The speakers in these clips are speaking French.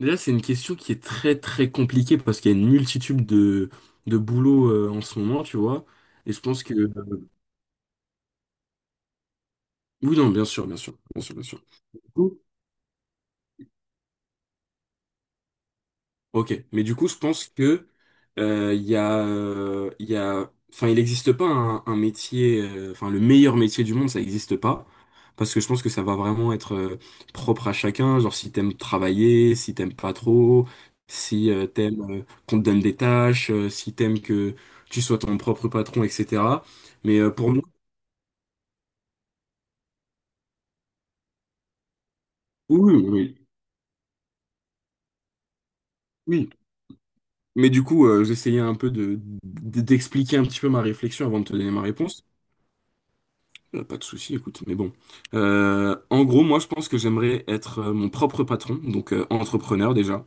Déjà, c'est une question qui est très très compliquée parce qu'il y a une multitude de boulots en ce moment, tu vois. Et je pense que... Oui, non, bien sûr. Ok, mais du coup, je pense que il y a, enfin, il n'existe pas un métier, enfin, le meilleur métier du monde, ça n'existe pas, parce que je pense que ça va vraiment être propre à chacun. Genre, si t'aimes travailler, si t'aimes pas trop, si t'aimes qu'on te donne des tâches, si t'aimes que tu sois ton propre patron, etc. Mais pour moi, oui, oui, oui. oui. Mais du coup, j'essayais un peu d'expliquer un petit peu ma réflexion avant de te donner ma réponse. Pas de souci, écoute, mais bon. En gros, moi, je pense que j'aimerais être mon propre patron, donc entrepreneur déjà.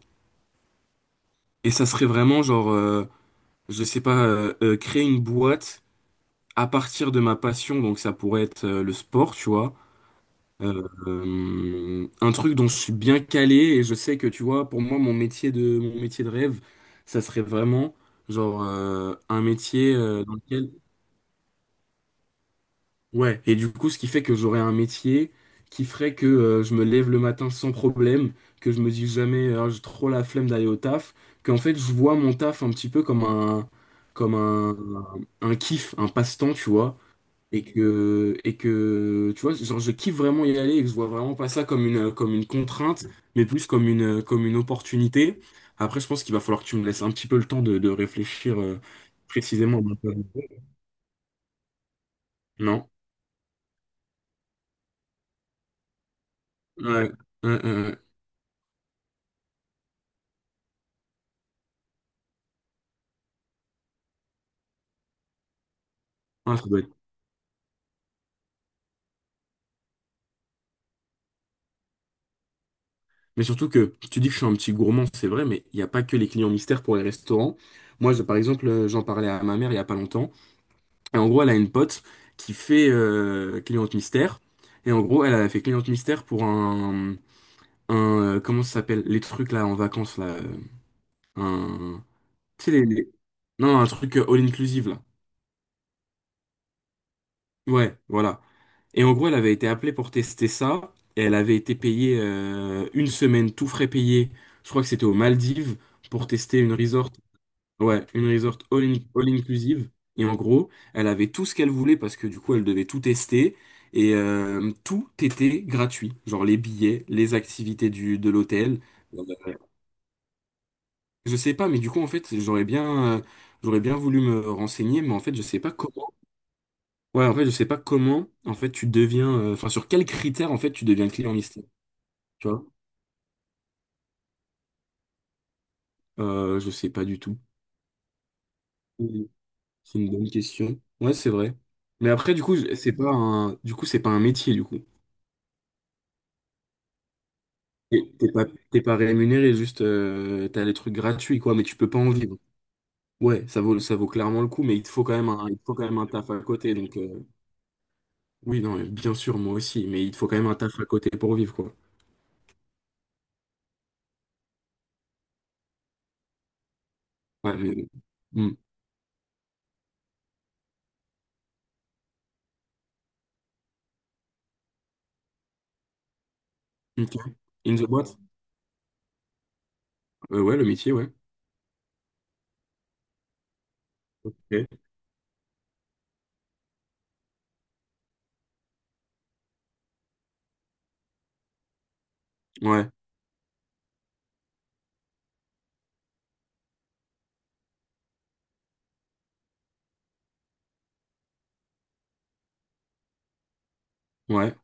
Et ça serait vraiment genre, je sais pas, créer une boîte à partir de ma passion, donc ça pourrait être le sport, tu vois. Euh, un truc dont je suis bien calé et je sais que, tu vois, pour moi, mon métier de rêve, ça serait vraiment genre un métier dans lequel. Ouais, et du coup, ce qui fait que j'aurai un métier qui ferait que je me lève le matin sans problème, que je me dis jamais j'ai trop la flemme d'aller au taf, qu'en fait je vois mon taf un petit peu comme un kiff, un passe-temps, tu vois, et que tu vois, genre je kiffe vraiment y aller et que je vois vraiment pas ça comme une contrainte, mais plus comme une opportunité. Après, je pense qu'il va falloir que tu me laisses un petit peu le temps de réfléchir précisément. Non? Ouais. Ouais, ouais, ouais. Ah, ça doit être. Mais surtout que tu dis que je suis un petit gourmand, c'est vrai, mais il n'y a pas que les clients mystères pour les restaurants. Moi, par exemple, j'en parlais à ma mère il n'y a pas longtemps. Et en gros, elle a une pote qui fait cliente mystère. Et en gros, elle a fait cliente mystère pour un comment ça s'appelle? Les trucs là en vacances là. Un, tu sais, non, un truc all-inclusive là. Ouais, voilà. Et en gros, elle avait été appelée pour tester ça. Et elle avait été payée une semaine, tout frais payé. Je crois que c'était aux Maldives pour tester une resort. Ouais, une resort all inclusive. Et en gros, elle avait tout ce qu'elle voulait parce que du coup, elle devait tout tester. Et tout était gratuit. Genre les billets, les activités de l'hôtel. Euh, je sais pas, mais du coup, en fait, j'aurais bien voulu me renseigner, mais en fait, je sais pas comment. Ouais, en fait, je sais pas comment, en fait, tu deviens. Enfin, sur quels critères, en fait, tu deviens client mystère. Tu vois? Je sais pas du tout. C'est une bonne question. Ouais, c'est vrai. Mais après, du coup, c'est pas un métier, du coup. T'es t'es pas, T'es pas rémunéré, juste t'as les trucs gratuits, quoi, mais tu peux pas en vivre. Ouais, ça vaut clairement le coup, mais il te faut quand même un taf à côté. Donc, oui, non, mais bien sûr, moi aussi, mais il te faut quand même un taf à côté pour vivre, quoi. Ouais, mais... Hmm, ok. In the boîte? Ouais, le métier, ouais. Ok. Ouais, ouais,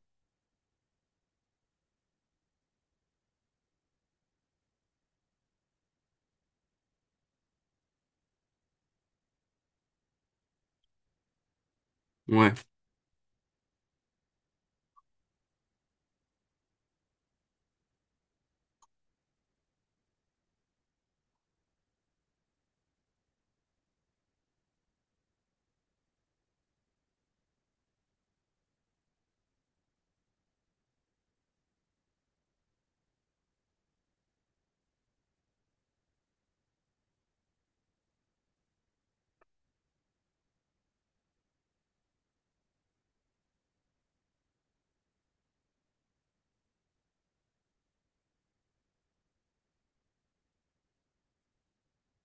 ouais.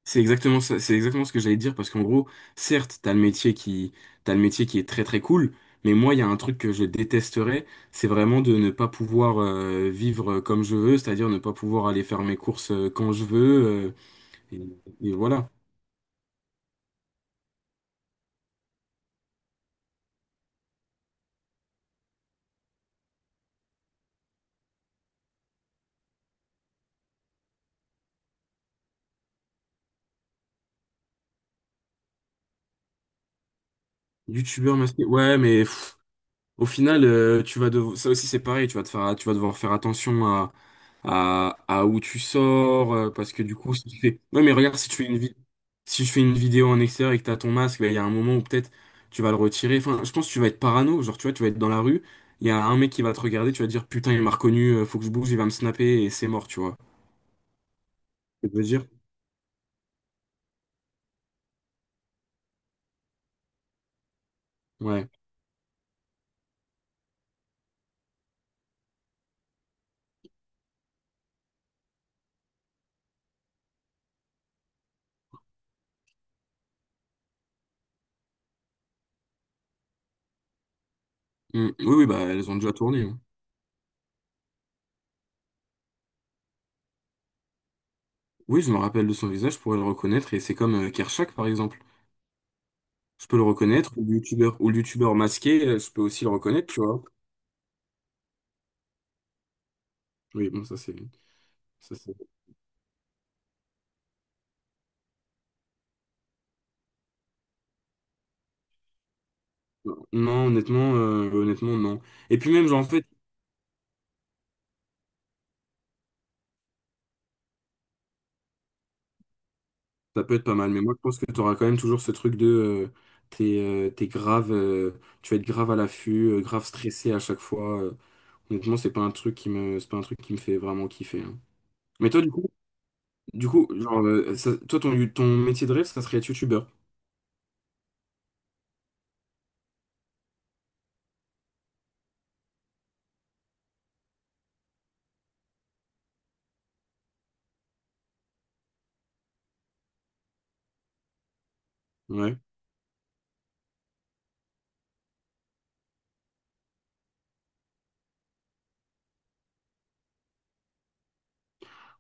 C'est exactement ça, c'est exactement ce que j'allais te dire parce qu'en gros, certes, t'as le métier qui est très très cool, mais moi, il y a un truc que je détesterais, c'est vraiment de ne pas pouvoir vivre comme je veux, c'est-à-dire ne pas pouvoir aller faire mes courses quand je veux, et, et voilà. YouTubeur masqué, ouais, mais pff, au final, tu vas ça aussi c'est pareil, tu vas te faire, tu vas devoir faire attention à où tu sors, parce que du coup, si tu fais, ouais, mais regarde, si tu fais une vi- si je fais une vidéo en extérieur et que t'as ton masque, bah, il y a un moment où peut-être tu vas le retirer. Enfin, je pense que tu vas être parano, genre tu vois, tu vas être dans la rue, il y a un mec qui va te regarder, tu vas te dire putain, il m'a reconnu, faut que je bouge, il va me snapper et c'est mort, tu vois. Tu veux dire? Ouais. Mm. Oui, oui, bah elles ont déjà tourné, hein. Oui, je me rappelle de son visage pour le reconnaître et c'est comme Kershak par exemple. Je peux le reconnaître, ou le youtubeur masqué, je peux aussi le reconnaître, tu vois. Oui, bon, ça c'est. ça, c'est- Non, honnêtement, non. Et puis même, genre, en fait, ça peut être pas mal, mais moi je pense que tu auras quand même toujours ce truc de. T'es grave, tu vas être grave à l'affût, grave stressé à chaque fois. Honnêtement, c'est pas un truc qui me fait vraiment kiffer, hein. Mais toi, du coup, genre, toi, ton métier de rêve, ça serait être youtubeur. Ouais.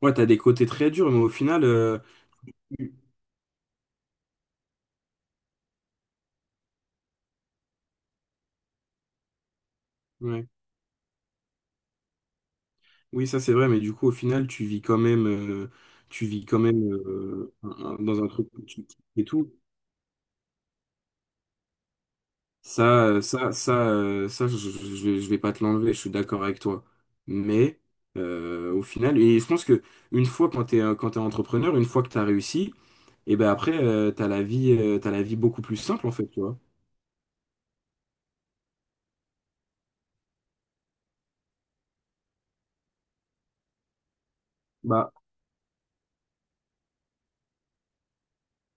Ouais, t'as des côtés très durs, mais au final. Ouais. Oui, ça c'est vrai, mais du coup, au final, tu vis quand même dans un truc que tu kiffes et tout. Ça, euh, ça, ça, euh, ça, je, je, je vais je vais pas te l'enlever. Je suis d'accord avec toi. Mais au final, et je pense que une fois quand quand t'es entrepreneur, une fois que t'as réussi, et ben après, t'as la vie beaucoup plus simple en fait, tu vois. Bah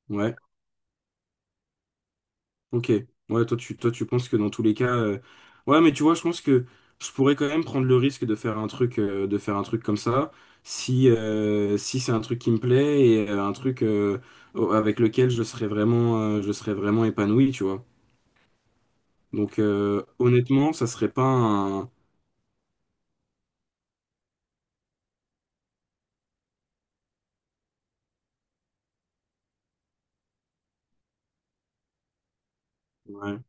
ouais. Ok, ouais, toi tu penses que dans tous les cas, ouais, mais tu vois, je pense que je pourrais quand même prendre le risque de faire un truc, comme ça, si si c'est un truc qui me plaît et avec lequel je serais vraiment épanoui, tu vois. Donc honnêtement, ça serait pas un, ouais,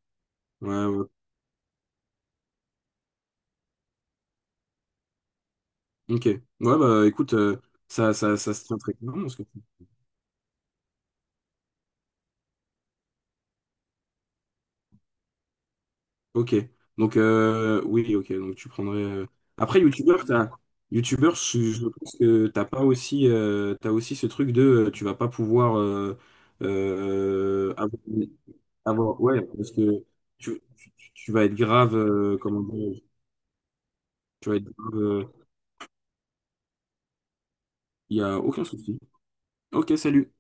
ouais, ouais. Ok, ouais, bah écoute, ça se tient très clairement, ce que tu. Ok. Donc, oui, ok. Donc, tu prendrais. Après, youtubeur, t'as... Youtubeur, je pense que t'as pas aussi, t'as aussi ce truc de tu vas pas pouvoir euh, avoir, avoir... Ouais, parce que tu vas être grave. Comment dire? Tu vas être grave. Il y a aucun souci. Ok, salut.